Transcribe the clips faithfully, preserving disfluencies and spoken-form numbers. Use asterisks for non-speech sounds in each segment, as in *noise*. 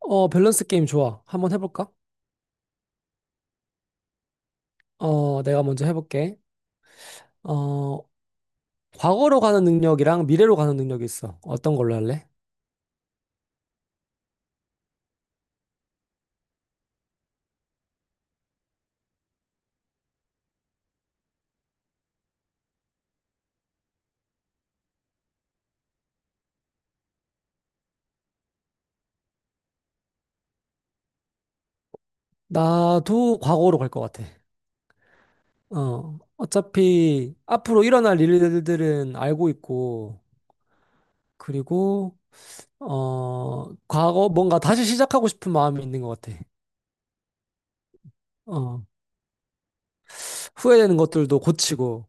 어, 밸런스 게임 좋아. 한번 해볼까? 어, 내가 먼저 해볼게. 어, 과거로 가는 능력이랑 미래로 가는 능력이 있어. 어떤 걸로 할래? 나도 과거로 갈 것 같아. 어, 어차피 앞으로 일어날 일들은 알고 있고, 그리고, 어, 과거 뭔가 다시 시작하고 싶은 마음이 있는 것 같아. 어, 후회되는 것들도 고치고,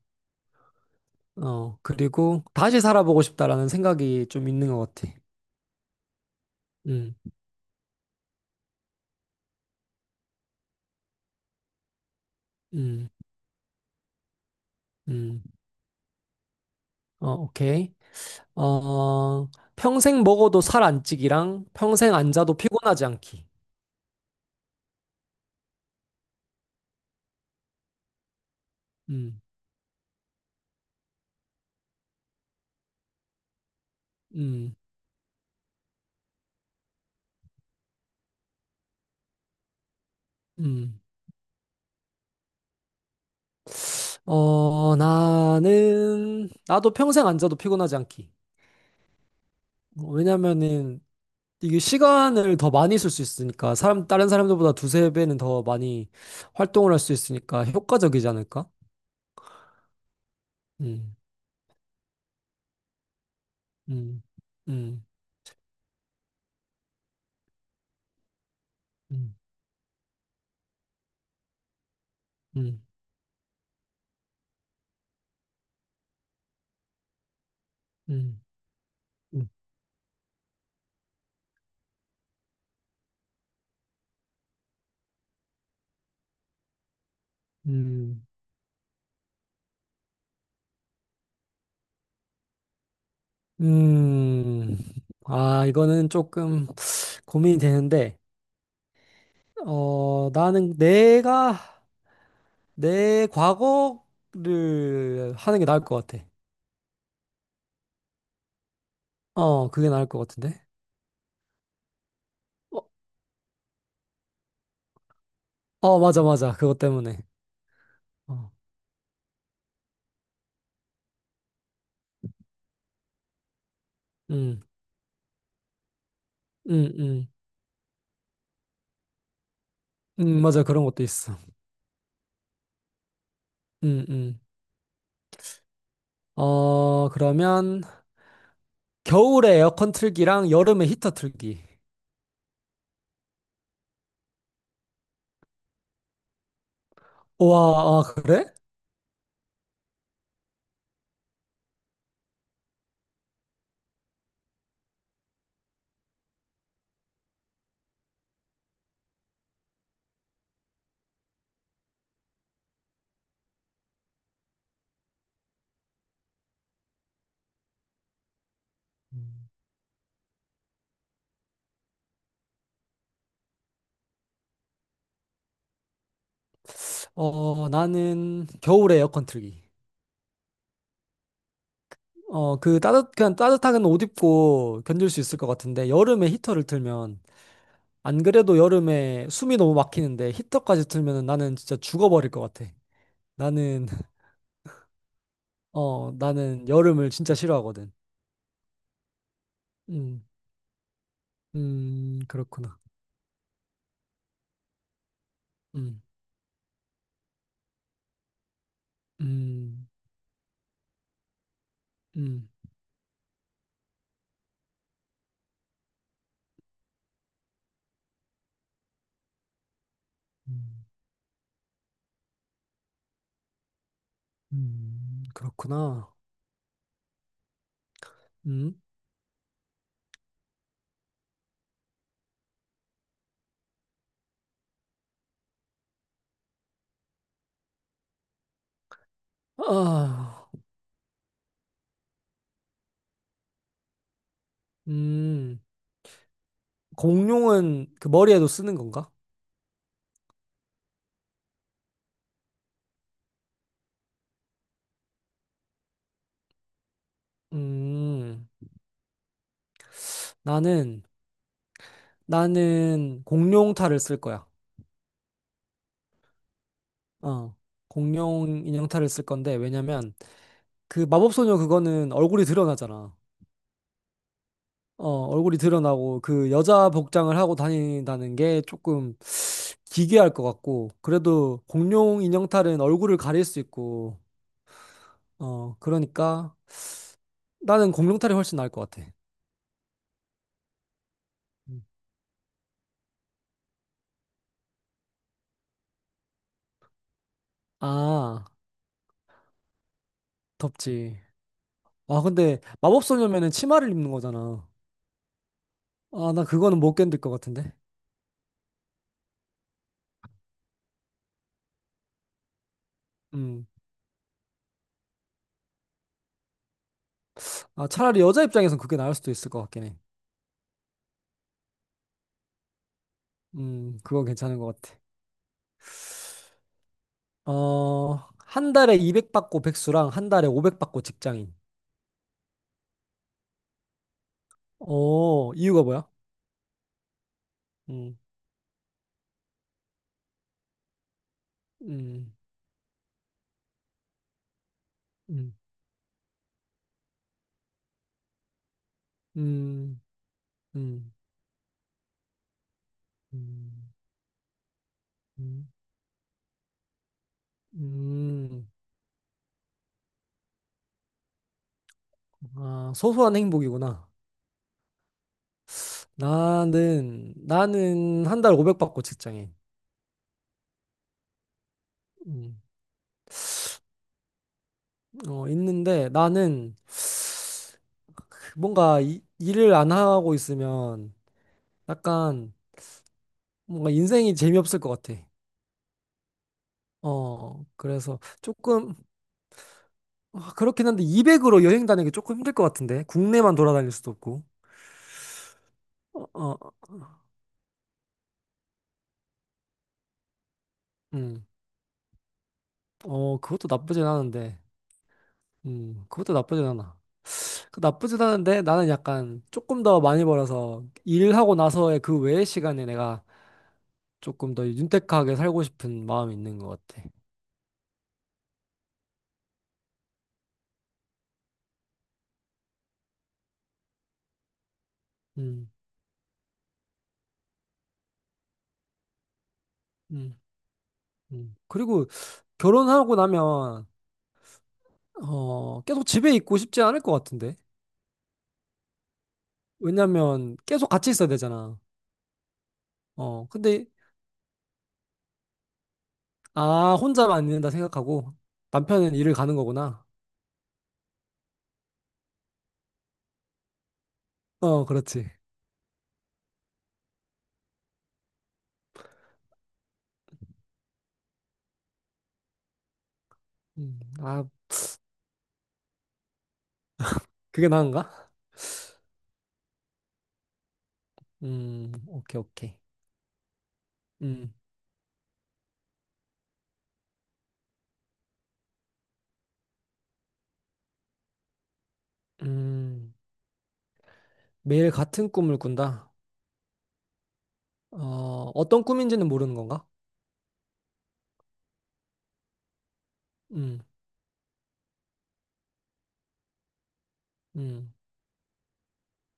어, 그리고 다시 살아보고 싶다라는 생각이 좀 있는 것 같아. 음, 음, 음. 어, 오케이. 어, 평생 먹어도 살 안 찌기랑 평생 안 자도 피곤하지 않기. 음, 음, 음. 어, 나는, 나도 평생 안 자도 피곤하지 않기. 어, 왜냐면은, 이게 시간을 더 많이 쓸 수 있으니까, 사람, 다른 사람들보다 두세 배는 더 많이 활동을 할 수 있으니까 효과적이지 않을까? 음, 음, 음, 음, 음, 음, 음, 음. 음. 음, 아, 이거는 조금 고민이 되는데, 어, 나는 내가 내 과거를 하는 게 나을 것 같아. 어, 그게 나을 것 같은데. 어, 어, 맞아, 맞아. 그것 때문에. 어, 음, 음, 음, 음, 맞아. 그런 것도 있어. 음, 음. 어, 그러면 겨울에 에어컨 틀기랑 여름에 히터 틀기. 와, 아, 그래? 어, 나는 겨울에 에어컨 틀기. 어, 그 따뜻, 그냥 따뜻하게는 옷 입고 견딜 수 있을 것 같은데 여름에 히터를 틀면 안 그래도 여름에 숨이 너무 막히는데 히터까지 틀면은 나는 진짜 죽어버릴 것 같아. 나는, *laughs* 어, 나는 여름을 진짜 싫어하거든. 음, 음, 그렇구나. 음, 음, 음, 음, 음, 그렇구나. 음, 아, 음, 공룡은 그 머리에도 쓰는 건가? 음, 나는, 나는 공룡 탈을 쓸 거야. 어, 공룡 인형 탈을 쓸 건데, 왜냐면, 그 마법소녀 그거는 얼굴이 드러나잖아. 어, 얼굴이 드러나고 그 여자 복장을 하고 다닌다는 게 조금 기괴할 것 같고 그래도 공룡 인형탈은 얼굴을 가릴 수 있고 어, 그러니까 나는 공룡탈이 훨씬 나을 것 같아. 음. 아, 덥지. 아, 근데 마법소녀면은 치마를 입는 거잖아. 아, 나 그거는 못 견딜 것 같은데. 음. 아, 차라리 여자 입장에선 그게 나을 수도 있을 것 같긴 해. 음, 그건 괜찮은 것 같아. 어, 한 달에 이백 받고 백수랑 한 달에 오백 받고 직장인. 어, 이유가 뭐야? 음, 음, 음, 음, 음, 음, 음, 음. 아, 소소한 행복이구나. 나는, 나는 한 달에 오백 받고 직장인. 음, 어, 있는데 나는 뭔가 이- 일을 안 하고 있으면 약간 뭔가 인생이 재미없을 것 같아. 어, 그래서 조금, 아, 그렇긴 한데 이백으로 여행 다니기 조금 힘들 것 같은데 국내만 돌아다닐 수도 없고. 어, 어, 음. 어 그것도 나쁘진 않은데. 음 그것도 나쁘진 않아. 그 나쁘진 않은데 나는 약간 조금 더 많이 벌어서 일하고 나서의 그 외의 시간에 내가 조금 더 윤택하게 살고 싶은 마음이 있는 것 같아. 음, 음, 음. 그리고 결혼하고 나면 어 계속 집에 있고 싶지 않을 것 같은데. 왜냐면 계속 같이 있어야 되잖아. 어 근데, 아, 혼자만 있는다 생각하고 남편은 일을 가는 거구나. 어, 그렇지. 음, 아, 그게 나은가? 음, 오케이, 오케이. 음, 음, 매일 같은 꿈을 꾼다. 어, 어떤 꿈인지는 모르는 건가? 음, 음,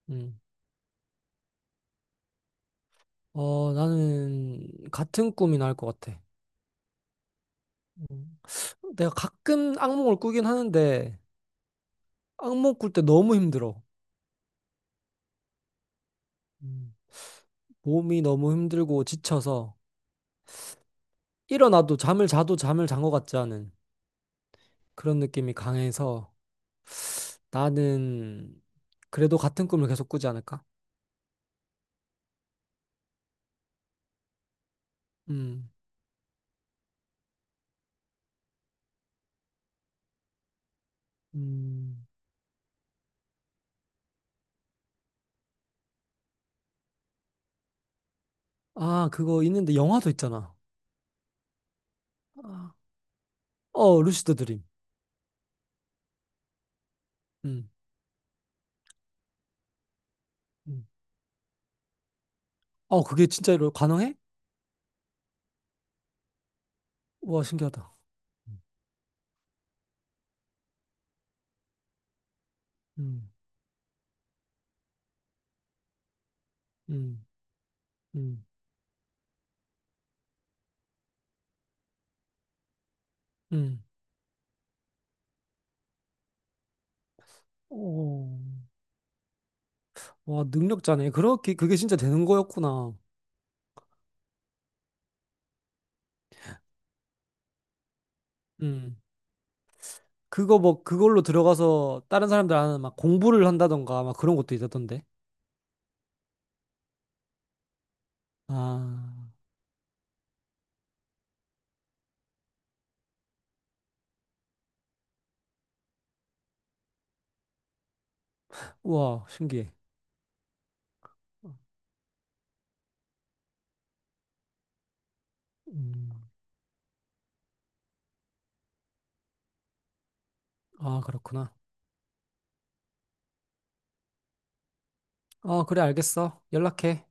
음. 어, 나는 같은 꿈이 나을 것 같아. 음, 내가 가끔 악몽을 꾸긴 하는데 악몽 꿀 때 너무 힘들어. 음, 몸이 너무 힘들고 지쳐서 일어나도 잠을 자도 잠을 잔 것 같지 않은. 그런 느낌이 강해서 나는 그래도 같은 꿈을 계속 꾸지 않을까? 음, 음. 아, 그거 있는데 영화도 있잖아. 아. 어, 루시드 드림. 음, 음. 어, 그게 진짜로 가능해? 와, 신기하다. 음, 음, 음, 음. 오, 와, 능력자네. 그렇게, 그게 진짜 되는 거였구나. 음. 그거 뭐, 그걸로 들어가서 다른 사람들 아는 막 공부를 한다던가 막 그런 것도 있었던데. 아, 와, 신기해. 음. 아, 그렇구나. 어, 그래, 알겠어. 연락해.